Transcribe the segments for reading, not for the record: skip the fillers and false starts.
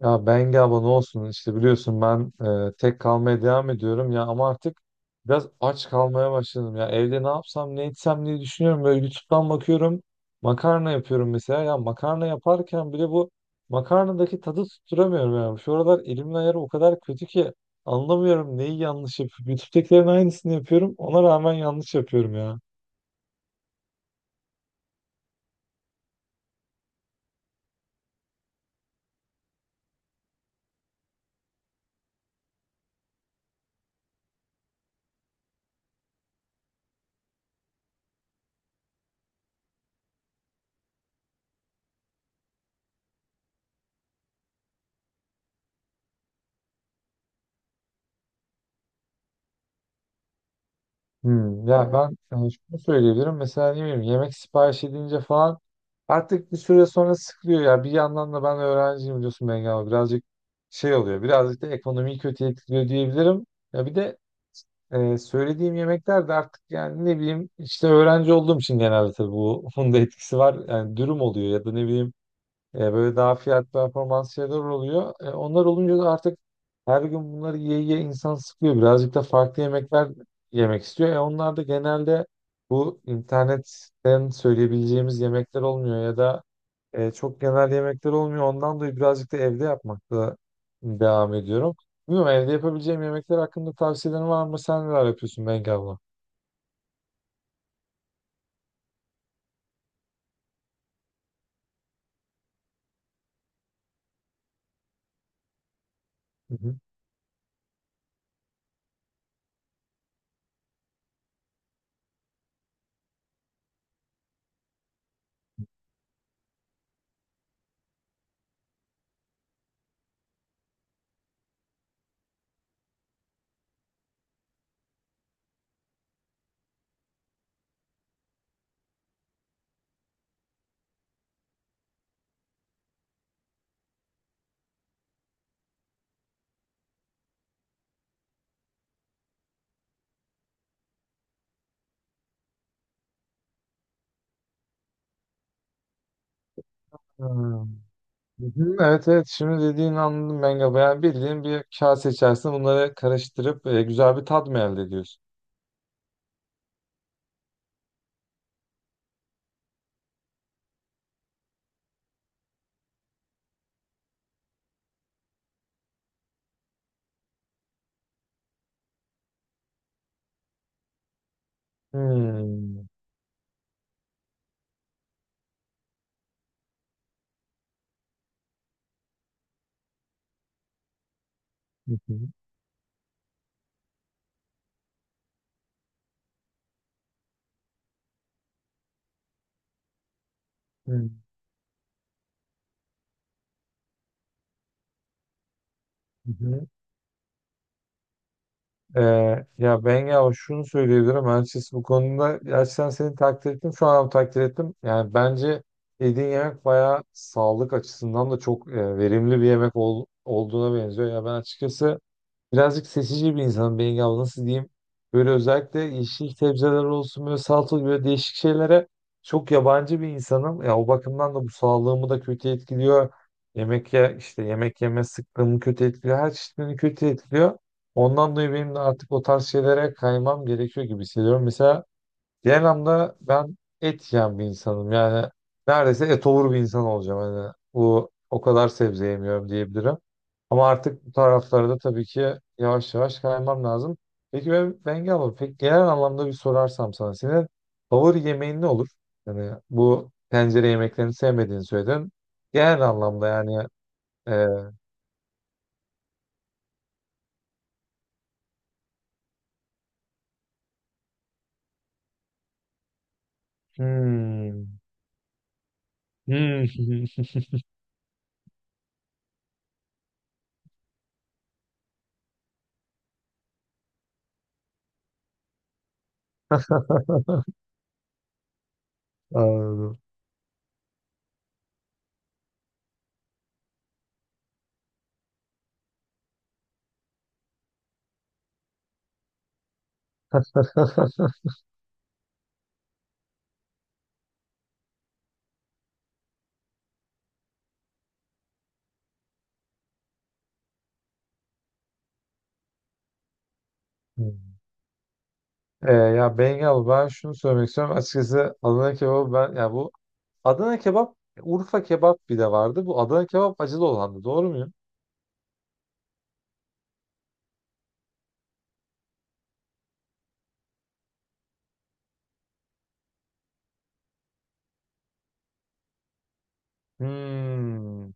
Ya Bengi abla ne olsun işte biliyorsun ben tek kalmaya devam ediyorum ya ama artık biraz aç kalmaya başladım ya evde ne yapsam ne etsem diye düşünüyorum böyle YouTube'dan bakıyorum makarna yapıyorum mesela ya makarna yaparken bile bu makarnadaki tadı tutturamıyorum ya şu aralar elimin ayarı o kadar kötü ki anlamıyorum neyi yanlış yapıyorum YouTube'dakilerin aynısını yapıyorum ona rağmen yanlış yapıyorum ya. Hmm, ya ben hani şunu söyleyebilirim. Mesela ne bileyim yemek sipariş edince falan artık bir süre sonra sıkılıyor ya. Bir yandan da ben öğrenciyim biliyorsun Bengi abi. Birazcık şey oluyor. Birazcık da ekonomiyi kötü etkiliyor diyebilirim. Ya bir de söylediğim yemekler de artık yani ne bileyim işte öğrenci olduğum için genelde tabii bu bunun da etkisi var. Yani dürüm oluyor ya da ne bileyim böyle daha fiyat performans şeyler oluyor. Onlar olunca da artık her gün bunları yiye yiye insan sıkıyor. Birazcık da farklı yemekler yemek istiyor. Onlar da genelde bu internetten söyleyebileceğimiz yemekler olmuyor ya da çok genel yemekler olmuyor. Ondan dolayı birazcık da evde yapmakla devam ediyorum. Bilmiyorum evde yapabileceğim yemekler hakkında tavsiyelerin var mı? Sen neler yapıyorsun Bengi abla? Hı hı. Ha. Hı hı, evet evet şimdi dediğini anladım ben galiba. Yani bildiğin bir kase içerisinde bunları karıştırıp güzel bir tat mı elde ediyorsun? Hmm. Hı hı, hı hı. Ee, Ya ben ya şunu söyleyebilirim açıkçası bu konuda gerçekten seni takdir ettim şu an takdir ettim. Yani bence yediğin yemek bayağı sağlık açısından da çok verimli bir yemek olduğuna benziyor. Ya ben açıkçası birazcık seçici bir insanım Bengi abla nasıl diyeyim. Böyle özellikle yeşil sebzeler olsun böyle salatalık böyle değişik şeylere çok yabancı bir insanım. Ya o bakımdan da bu sağlığımı da kötü etkiliyor. Yemek ye işte Yemek yeme sıklığımı kötü etkiliyor. Her çeşitlerini kötü etkiliyor. Ondan dolayı benim de artık o tarz şeylere kaymam gerekiyor gibi hissediyorum. Mesela diğer anlamda ben et yiyen bir insanım. Yani neredeyse etovur bir insan olacağım. Hani bu o kadar sebze yemiyorum diyebilirim. Ama artık bu taraflara da tabii ki yavaş yavaş kaymam lazım. Peki ben Bengi abla, peki genel anlamda bir sorarsam sana senin favori yemeğin ne olur? Yani bu tencere yemeklerini sevmediğini söyledin. Genel anlamda yani e, hmm, hmm, anladım. Hmm. Ya Bengi abla ben şunu söylemek istiyorum. Açıkçası Adana kebabı ben ya bu Adana kebap Urfa kebap bir de vardı. Bu Adana kebap acılı olandı. Doğru muyum? Hmm.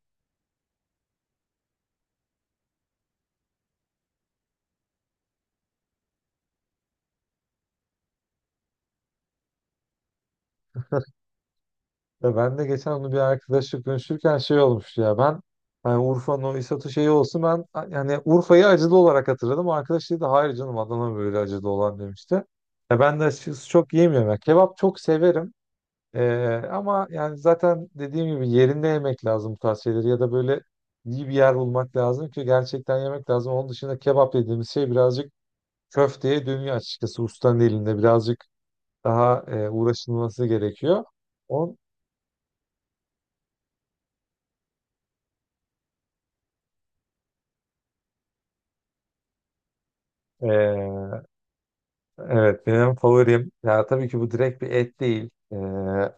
Ya ben de geçen onu bir arkadaşla konuşurken şey olmuştu ya ben hani Urfa'nın o İsat'ı şeyi olsun ben yani Urfa'yı acılı olarak hatırladım. O arkadaş dedi hayır canım Adana böyle acılı olan demişti. Ya ben de açıkçası çok yiyemiyorum. Ya kebap çok severim. Ama yani zaten dediğim gibi yerinde yemek lazım bu tarz şeyleri ya da böyle iyi bir yer bulmak lazım ki gerçekten yemek lazım. Onun dışında kebap dediğimiz şey birazcık köfteye dönüyor açıkçası ustanın elinde birazcık daha uğraşılması gerekiyor. On, Evet benim favorim ya tabii ki bu direkt bir et değil.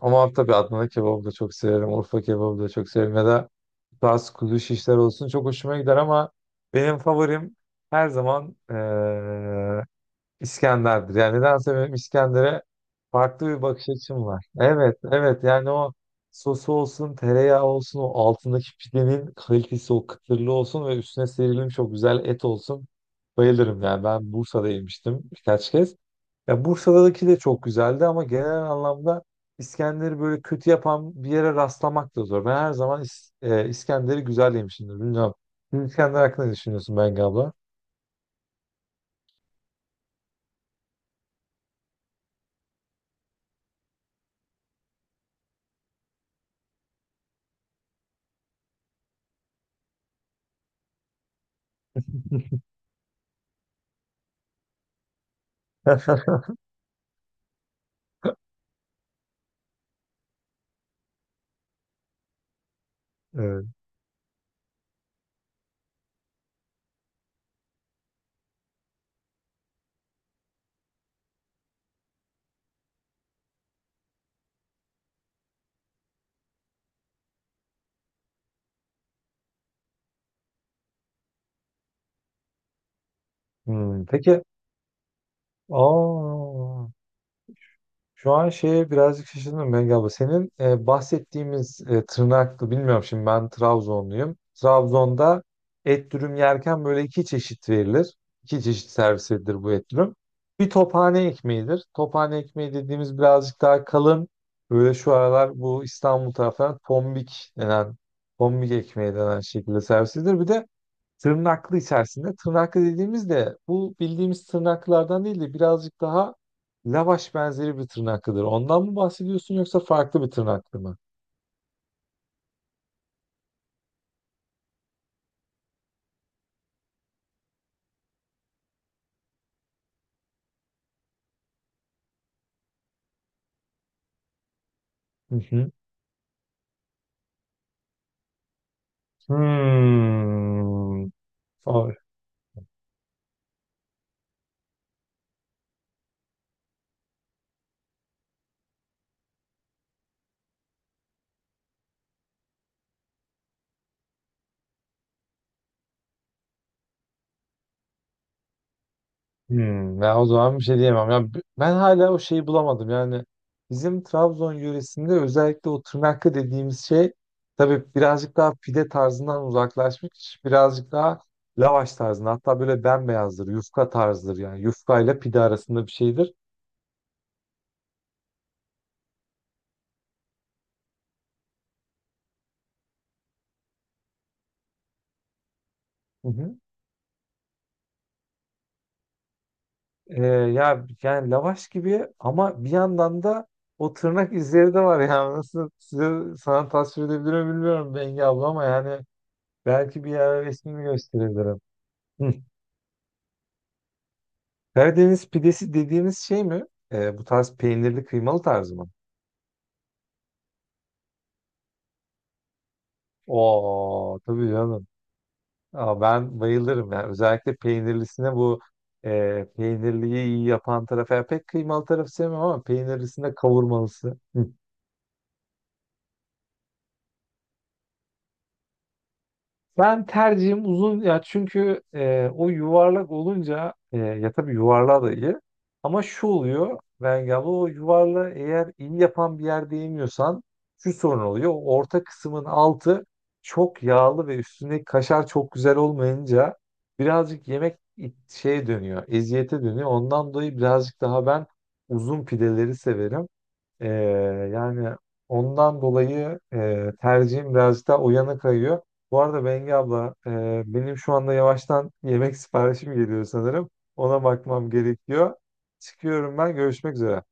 Ama tabii Adana kebabı da çok severim. Urfa kebabı da çok severim. Ya da bazı kuzu şişler olsun çok hoşuma gider ama benim favorim her zaman İskender'dir. Yani nedense benim İskender'e farklı bir bakış açım var. Evet evet yani o sosu olsun tereyağı olsun o altındaki pidenin kalitesi o kıtırlığı olsun ve üstüne serilmiş çok güzel et olsun. Bayılırım yani ben Bursa'da yemiştim birkaç kez. Ya Bursa'daki de çok güzeldi ama genel anlamda İskender'i böyle kötü yapan bir yere rastlamak da zor. Ben her zaman İskender'i güzel yemişimdir. Bilmiyorum. Siz İskender hakkında ne düşünüyorsun Bengi abla? Evet. Hmm, peki. Aa, şu an şeye birazcık şaşırdım Bengi abla. Senin bahsettiğimiz tırnaklı bilmiyorum şimdi ben Trabzonluyum. Trabzon'da et dürüm yerken böyle iki çeşit verilir. İki çeşit servis edilir bu et dürüm. Bir tophane ekmeğidir. Tophane ekmeği dediğimiz birazcık daha kalın. Böyle şu aralar bu İstanbul taraflarında tombik denen, tombik ekmeği denen şekilde servis edilir. Bir de tırnaklı içerisinde. Tırnaklı dediğimizde bu bildiğimiz tırnaklardan değil de birazcık daha lavaş benzeri bir tırnaklıdır. Ondan mı bahsediyorsun yoksa farklı bir tırnaklı mı? Hı hı. Hmm. Hmm, ya o zaman bir şey diyemem. Ya ben hala o şeyi bulamadım. Yani bizim Trabzon yöresinde özellikle o tırnaklı dediğimiz şey tabii birazcık daha pide tarzından uzaklaşmış. Birazcık daha lavaş tarzında. Hatta böyle bembeyazdır. Yufka tarzıdır yani. Yufka ile pide arasında bir şeydir. Hı hı. Ya yani lavaş gibi ama bir yandan da o tırnak izleri de var yani. Nasıl sana tasvir edebilir mi bilmiyorum Bengi abla ama yani belki bir yer resmini gösterebilirim. Karadeniz pidesi dediğimiz şey mi? Bu tarz peynirli kıymalı tarzı mı? Oo tabii canım. Aa, ben bayılırım yani. Özellikle peynirlisine bu peynirliyi iyi yapan taraf. Yani pek kıymalı tarafı sevmem ama peynirlisinde kavurmalısı. Ben tercihim uzun ya çünkü o yuvarlak olunca ya tabii yuvarlağı da iyi ama şu oluyor Bengi abla o yuvarlağı eğer iyi yapan bir yerde yemiyorsan şu sorun oluyor. O orta kısmın altı çok yağlı ve üstündeki kaşar çok güzel olmayınca birazcık yemek şeye dönüyor, eziyete dönüyor. Ondan dolayı birazcık daha ben uzun pideleri severim. Ee, Yani ondan dolayı tercihim birazcık daha o yana kayıyor. Bu arada Bengi abla benim şu anda yavaştan yemek siparişim geliyor sanırım. Ona bakmam gerekiyor. Çıkıyorum ben. Görüşmek üzere.